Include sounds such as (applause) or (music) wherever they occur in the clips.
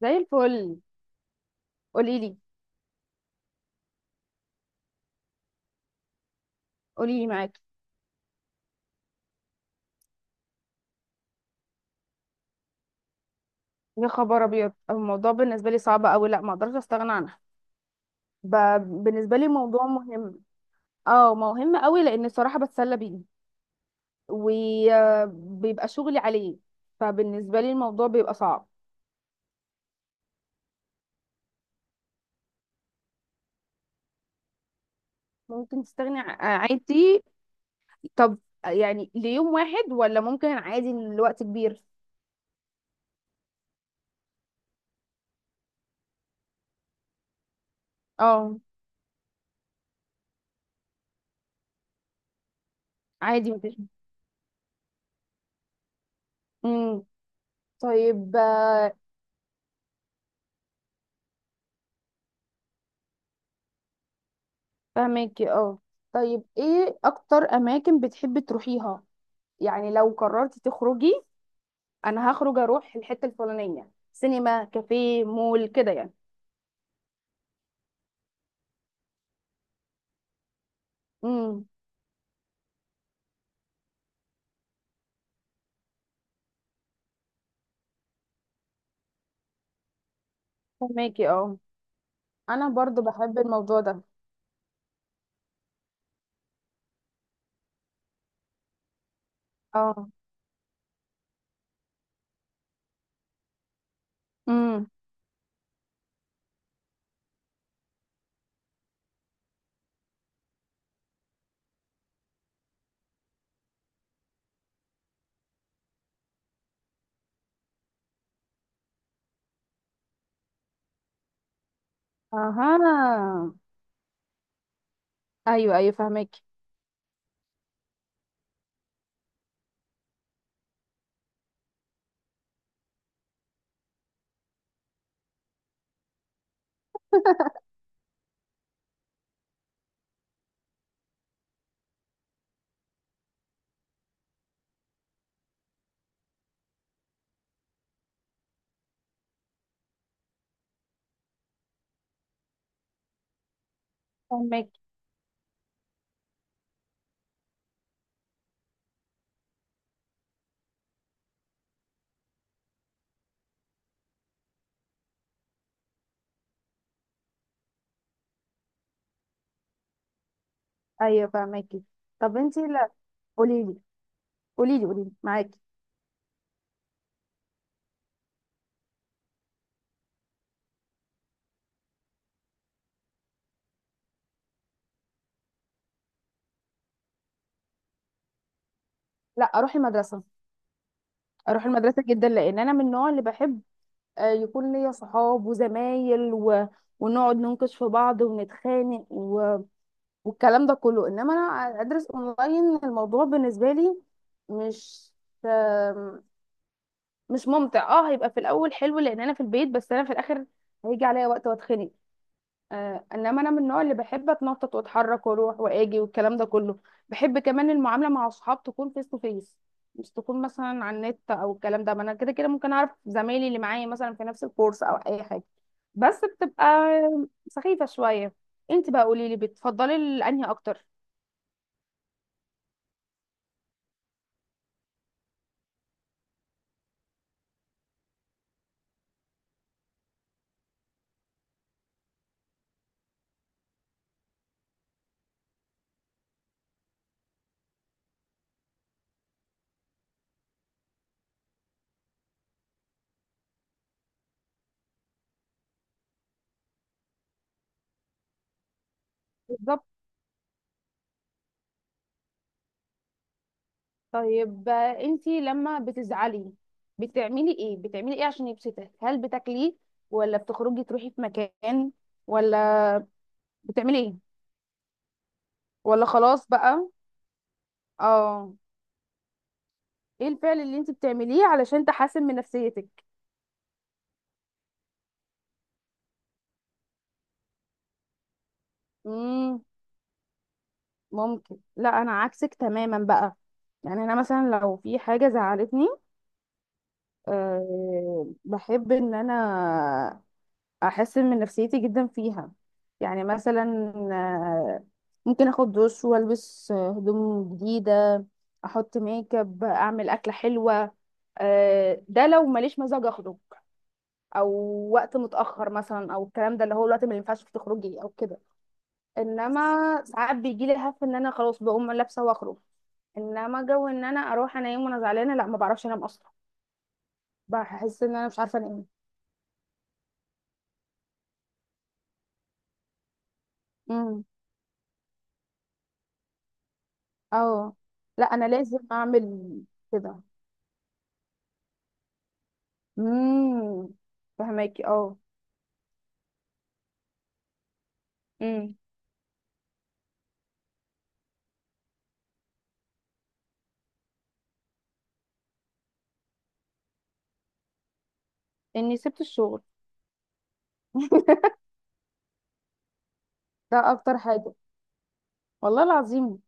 زي الفل. قولي لي، قولي لي معاكي. يا خبر ابيض، الموضوع بالنسبه لي صعب قوي. لا، ما اقدرش استغنى عنها. ب... بالنسبه لي موضوع مهم. اه، مهم قوي لان الصراحه بتسلى بيه وبيبقى شغلي عليه، فبالنسبه لي الموضوع بيبقى صعب. ممكن تستغني عادي. طب، يعني ليوم واحد ولا ممكن عادي لوقت كبير؟ اه، عادي مفيش. امم طيب، فهماكي اه. طيب، ايه اكتر اماكن بتحبي تروحيها؟ يعني لو قررتي تخرجي، انا هخرج اروح الحته الفلانيه سينما كافيه مول كده يعني. امم فهماكي اه. انا برضو بحب الموضوع ده. اه، امم، اها، ايوه، ايوه، فهماكي. (laughs) فهماكي، ايوه، فهماكي. طب انتي، لا، قولي لي، قولي لي، قولي لي معاكي. لا، اروح المدرسه. اروح المدرسه جدا لان انا من النوع اللي بحب يكون ليا صحاب وزمايل ونقعد ننكش في بعض ونتخانق والكلام ده كله. انما انا ادرس اونلاين الموضوع بالنسبه لي مش آم، مش ممتع. اه، هيبقى في الاول حلو لان انا في البيت، بس انا في الاخر هيجي عليا وقت واتخنق. انما انا من النوع اللي بحب اتنطط واتحرك واروح واجي والكلام ده كله. بحب كمان المعامله مع اصحاب تكون فيس تو فيس، مش تكون مثلا على النت او الكلام ده. ما انا كده كده ممكن اعرف زمايلي اللي معايا مثلا في نفس الكورس او اي حاجه، بس بتبقى سخيفه شويه. انت بقى قولي لي، بتفضلي انهي اكتر؟ بالظبط. طيب، انتي لما بتزعلي، بتعملي ايه عشان يبسطك؟ هل بتاكلي، ولا بتخرجي تروحي في مكان، ولا بتعملي ايه، ولا خلاص بقى؟ اه. ايه الفعل اللي انتي بتعمليه علشان تحسن من نفسيتك؟ امم ممكن، لا انا عكسك تماما بقى. يعني انا مثلا لو في حاجه زعلتني، أه بحب ان انا احسن من نفسيتي جدا فيها. يعني مثلا، آه، ممكن اخد دش والبس هدوم جديده. احط ميك اب، اعمل اكله حلوه. ده لو ماليش مزاج اخرج، او وقت متاخر مثلا، او الكلام ده اللي هو الوقت اللي ما ينفعش فيه تخرجي او كده. انما ساعات بيجي لي هف ان انا خلاص بقوم لابسه واخرج. انما جو ان انا اروح انام وانا زعلانه، لا، ما بعرفش انام اصلا. بحس ان انا مش عارفه انام. امم اه، لا انا لازم اعمل كده. امم فهماكي اه. امم اني سبت الشغل. (laughs) ده اكتر حاجه، والله العظيم.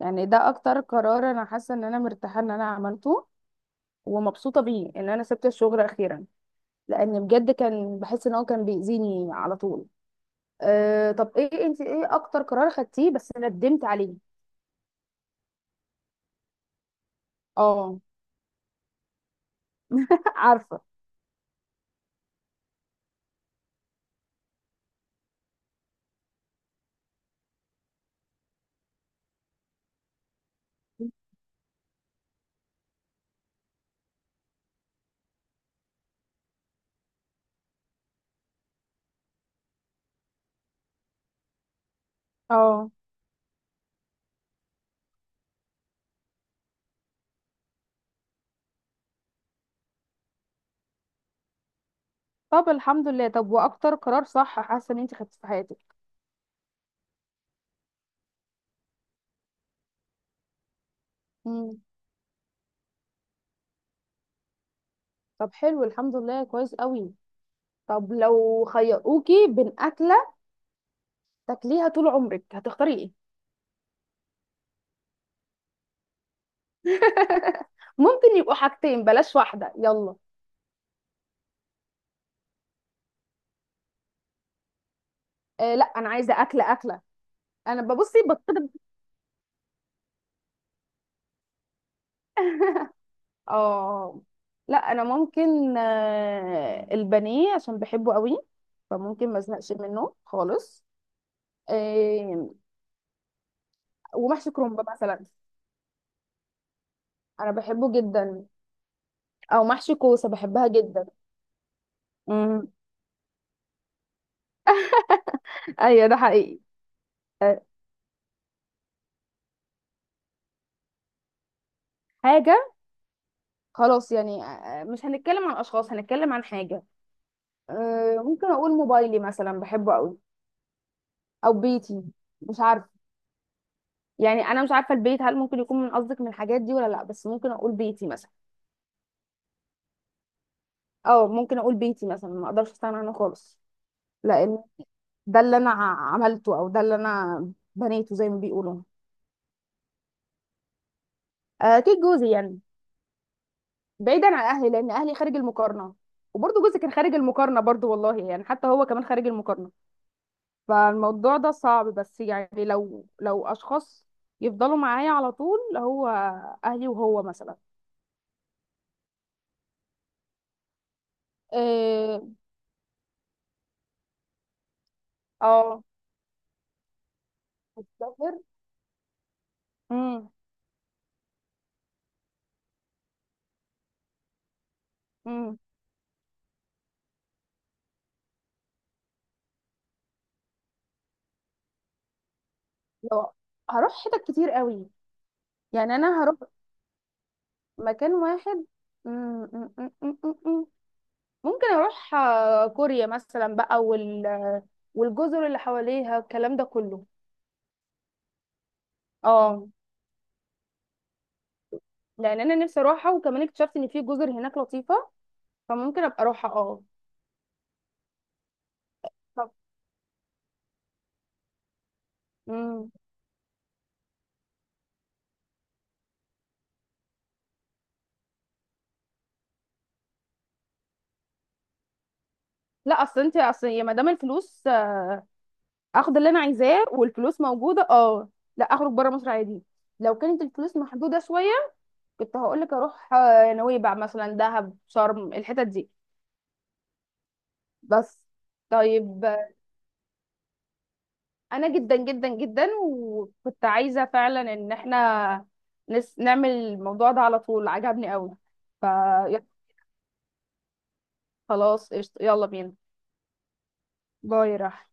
يعني ده اكتر قرار انا حاسه ان انا مرتاحه ان انا عملته ومبسوطه بيه ان انا سبت الشغل اخيرا، لان بجد كان بحس ان هو كان بيأذيني على طول. أه طب، ايه انت، ايه اكتر قرار خدتيه بس ندمت عليه؟ اه. (laughs) عارفه. اه، طب الحمد لله. طب، واكتر قرار صح حاسه ان انت خدتيه في حياتك؟ مم. طب حلو، الحمد لله كويس قوي. طب لو خيروكي بين أكلة تاكليها طول عمرك، هتختاري ايه؟ (laughs) ممكن يبقوا حاجتين، بلاش واحدة، يلا. آه لا، أنا عايزة أكلة أكلة. أنا ببصي بطلب. اه، لا أنا ممكن، البانيه عشان بحبه قوي، فممكن ما ازهقش منه خالص. آه ومحشي كرنب مثلا. أنا بحبه جدا، أو محشي كوسة بحبها جدا. مم. أيوة، ده حقيقي. آه، حاجة، خلاص يعني، مش هنتكلم عن أشخاص، هنتكلم عن حاجة. أه ممكن اقول موبايلي مثلا بحبه قوي، او بيتي، مش عارفه. يعني انا مش عارفه البيت هل ممكن يكون من قصدك من الحاجات دي ولا لا، بس ممكن اقول بيتي مثلا. اه، ممكن اقول بيتي مثلا ما اقدرش استغنى عنه خالص، لان ده اللي انا عملته او ده اللي انا بنيته زي ما بيقولوا. أه اكيد جوزي يعني، بعيدا عن اهلي لان اهلي خارج المقارنه. وبرضه جوزي كان خارج المقارنه برضه، والله يعني، حتى هو كمان خارج المقارنه. فالموضوع ده صعب، بس يعني لو اشخاص يفضلوا معايا على طول، هو اهلي وهو مثلا. آه، اه، مسافر. امم. امم لو هروح حتت كتير قوي. يعني انا هروح مكان واحد. مم، مم، مم، مم، مم، مم. ممكن اروح كوريا مثلا بقى، والجزر اللي حواليها الكلام ده كله. اه. لان انا نفسي اروحها وكمان اكتشفت ان في جزر هناك لطيفه، فممكن ابقى اروحها اه. طب، لا، اصل انت، اصل يا مدام الفلوس، اخد اللي انا عايزاه والفلوس موجوده اه. لا، اخرج بره مصر عادي. لو كانت الفلوس محدوده شويه كنت هقول لك اروح نويبع مثلا دهب شرم الحتت دي، بس. طيب انا جدا جدا جدا، وكنت عايزه فعلا ان احنا نعمل الموضوع ده على طول، عجبني قوي. ف خلاص، قشطة، يلا بينا. باي راح.